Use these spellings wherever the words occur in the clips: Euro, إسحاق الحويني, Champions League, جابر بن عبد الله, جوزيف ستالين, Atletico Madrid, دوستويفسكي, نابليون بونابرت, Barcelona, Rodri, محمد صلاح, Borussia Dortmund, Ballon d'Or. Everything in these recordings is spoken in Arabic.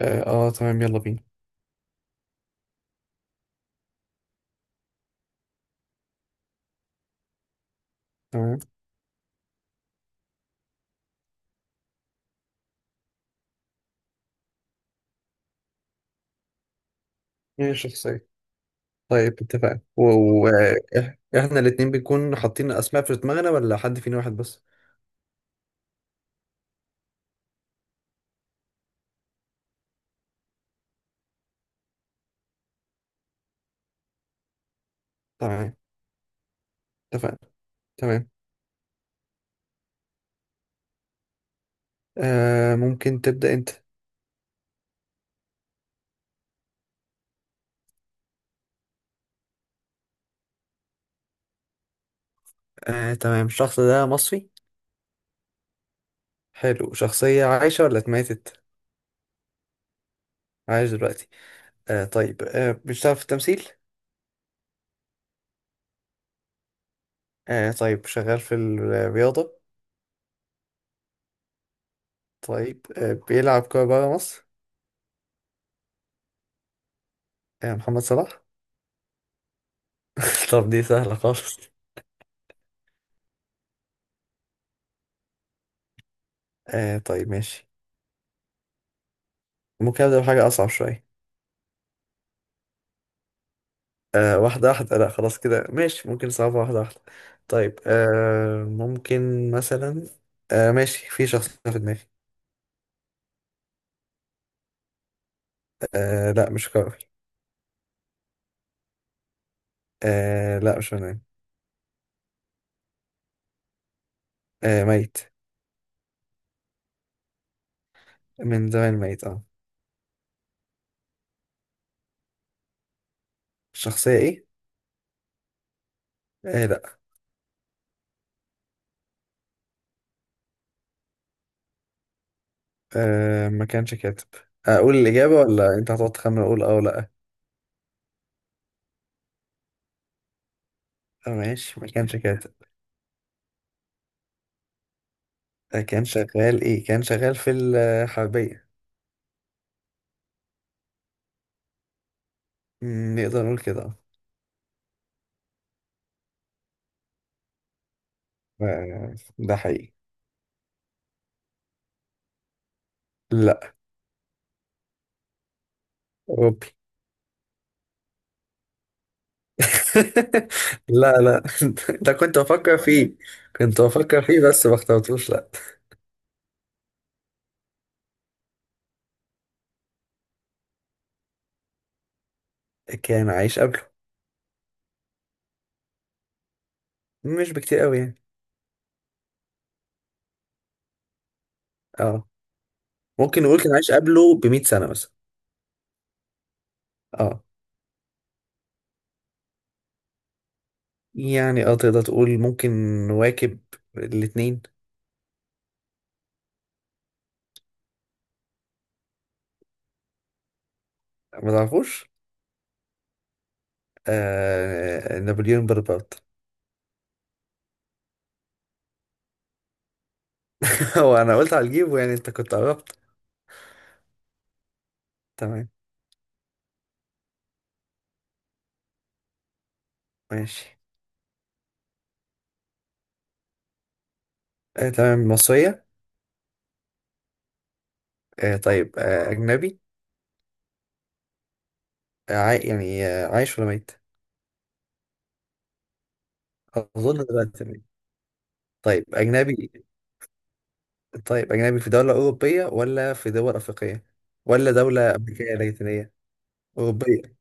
اه تمام، يلا بينا. تمام. مين الشخصية؟ طيب، اتفقنا. واحنا الاتنين بنكون حاطين اسماء في دماغنا ولا حد فينا واحد بس؟ تمام. اتفقنا. تمام. ممكن تبدأ انت. تمام، الشخص ده مصري؟ حلو، شخصية عايشة ولا اتماتت؟ عايش دلوقتي. بيشتغل في التمثيل؟ طيب، شغال في الرياضة؟ طيب، بيلعب كورة برا مصر؟ آه، محمد صلاح. طب دي سهلة خالص. طيب، ماشي. ممكن أبدأ بحاجة أصعب شوية. آه، واحدة واحدة، لا خلاص كده ماشي، ممكن صعبة واحدة واحدة. طيب، ممكن مثلا. ماشي، في شخص في دماغي. آه، لا مش كروي. آه، لا مش فنان. آه، ميت. من زمان ميت، اه. الشخصية ايه؟ آه، لا. ما كانش كاتب. أقول الإجابة ولا أنت هتقعد تخمن أقول أه ولا لأ؟ ماشي، ما كانش كاتب. كان شغال إيه؟ كان شغال في الحربية. نقدر نقول كده. آه، ده حقيقي. لا، أوروبي. لا، لا. ده كنت بفكر فيه. كنت بفكر فيه بس ما اخترتوش، لا. كان عايش قبله. مش بكتير قوي يعني. اه، ممكن نقول كان عايش قبله ب 100 سنة مثلا. اه، يعني اه تقدر تقول ممكن نواكب الاتنين. ما تعرفوش. آه، نابليون بونابرت. هو انا قلت على الجيب، يعني انت كنت قربت. تمام. ماشي. آه، تمام، مصرية؟ طيب، أجنبي. يعني، عايش ولا ميت؟ أظن دلوقتي ميت. طيب، أجنبي. طيب، أجنبي في دولة أوروبية ولا في دول أفريقية؟ ولا دولة أمريكية لاتينية؟ أوروبية.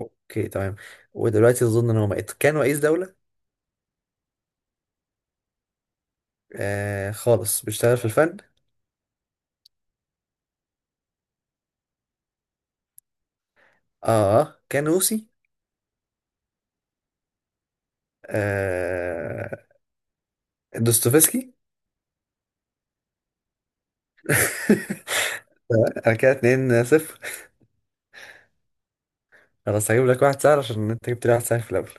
أوكي، تمام. ودلوقتي أظن إن هو مات، كان رئيس دولة؟ آه، خالص. بيشتغل في الفن؟ آه، كان روسي. آه، دوستويفسكي. أنا كده 2 صفر. خلاص، هجيب لك واحد سهل عشان أنت جبت لي واحد سهل في الأول.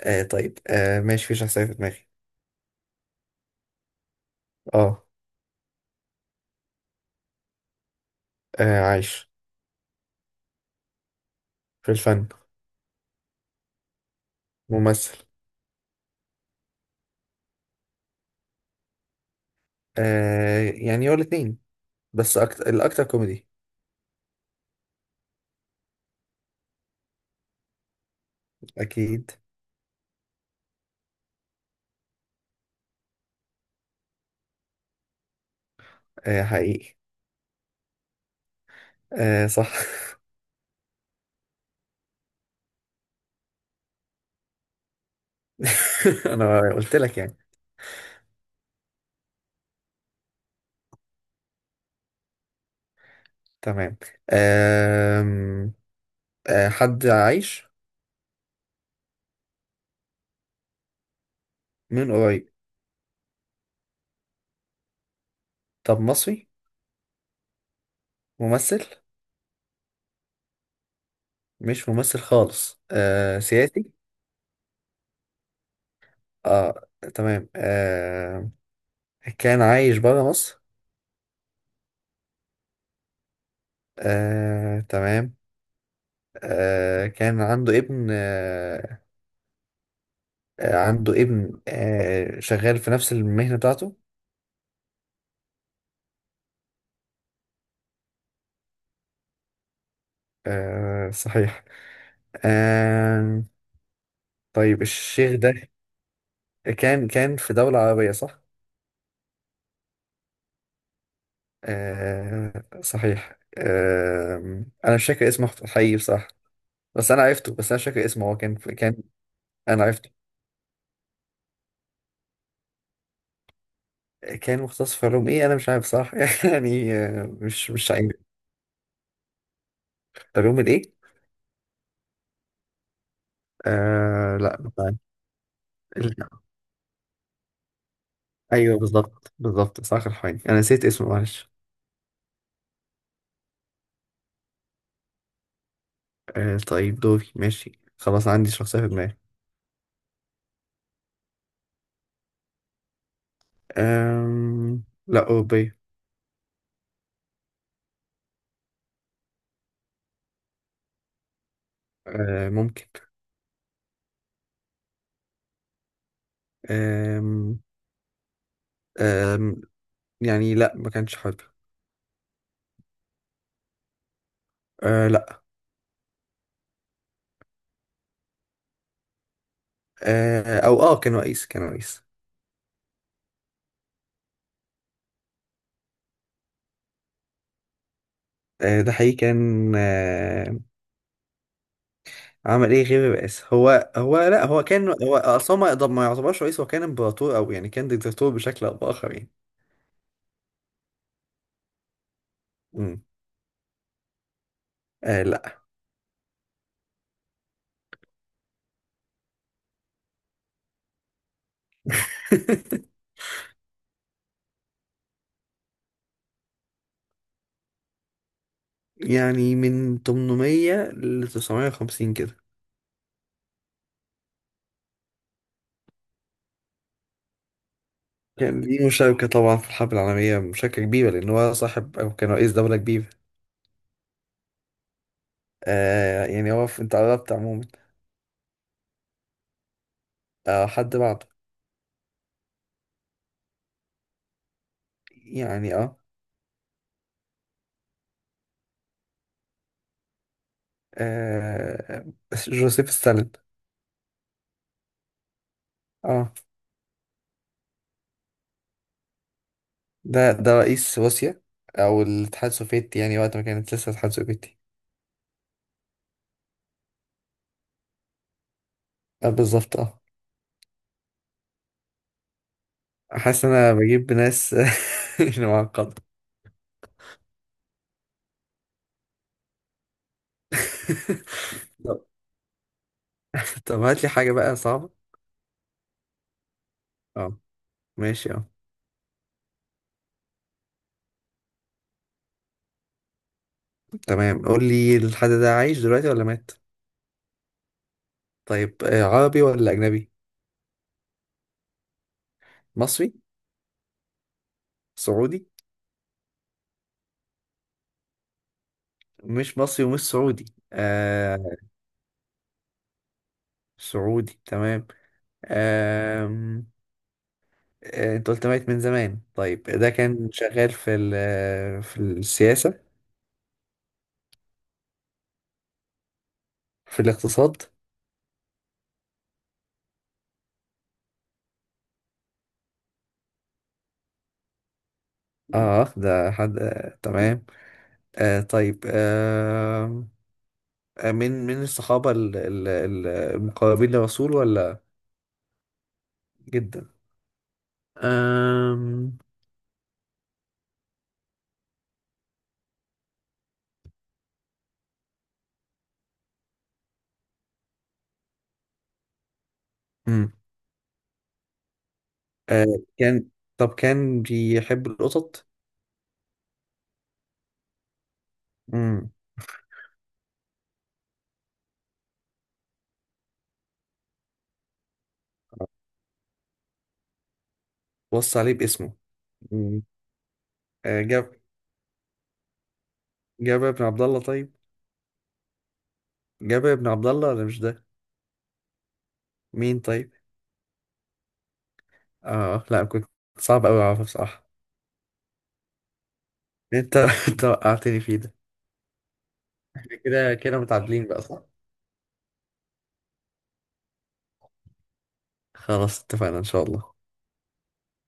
طيب، ماشي، في شخصية في دماغي. آه. آه، عايش. في الفن. ممثل. آه، يعني هو الاتنين، بس الأكتر كوميدي. أكيد. آه، حقيقي. آه، صح. أنا قلت لك يعني. تمام. آم، حد عايش. من قريب. طب مصري. ممثل. مش ممثل خالص، آه سياسي. اه. تمام. كان عايش برا مصر. آه، تمام. كان عنده ابن، آه. آه، عنده ابن، شغال في نفس المهنة بتاعته. آه، صحيح. آه طيب، الشيخ ده كان في دولة عربية صح؟ آه، صحيح. آه، أنا مش فاكر اسمه حقيقي بصراحة. بس أنا عرفته، بس أنا مش فاكر اسمه، هو كان. أنا عرفته. كان مختص في علوم إيه؟ أنا مش عارف، صح. يعني آه، مش عارف. علوم الإيه؟ آه، لا مش عارف. ال- أيوه، بالظبط بالظبط، إسحاق الحويني، أنا نسيت اسمه معلش. طيب، دوري ماشي. خلاص، عندي شخصية في دماغي. لا، أوروبية. آه، ممكن. آم، أم، يعني لا، ما كانش حر. آه، لا. آه او اه كان رئيس، كان رئيس. ده حقيقي، كان، عمل ايه غير الرئاسة؟ هو لا، هو كان، هو اصلا ما يعتبرش رئيس، هو كان امبراطور او يعني كان ديكتاتور بشكل او باخر يعني. مم. آه، لا. يعني من 800 ل 950 كده. كان ليه مشاركة طبعا في الحرب العالمية، مشاركة كبيرة، لأن هو صاحب أو كان رئيس دولة كبيرة. آه، يعني هو أنت قربت عموما. آه، حد بعده. يعني، اه. آه، جوزيف ستالين. اه. ده رئيس روسيا، او الاتحاد السوفيتي، يعني وقت ما كانت لسه الاتحاد السوفيتي. آه، بالظبط، اه. حاسس ان انا بجيب ناس. مش معقدة. طب طب هات لي حاجة بقى صعبة. اه، ماشي، اه. تمام، قول لي، الحد ده عايش دلوقتي ولا مات؟ طيب، عربي ولا اجنبي؟ مصري. سعودي؟ مش مصري ومش سعودي. آه، سعودي تمام. آه. آه، انت قلت ميت من زمان، طيب ده كان شغال في في السياسة؟ في الاقتصاد؟ اه، ده حد، آه، تمام. طيب، آه. آه، من الصحابة، المقربين للرسول ولا؟ جدا. آم، مم. آه كان. طب كان بيحب القطط؟ مم. وصى عليه باسمه. مم. آه جاب جابر بن عبد الله؟ طيب، جابر بن عبد الله ولا مش ده؟ مين طيب؟ اه، لا، كنت. صعب قوي اعرفه بصراحة. انت انت وقعتني فيه ده. كده كده متعادلين بقى، صح. خلاص، اتفقنا ان شاء الله.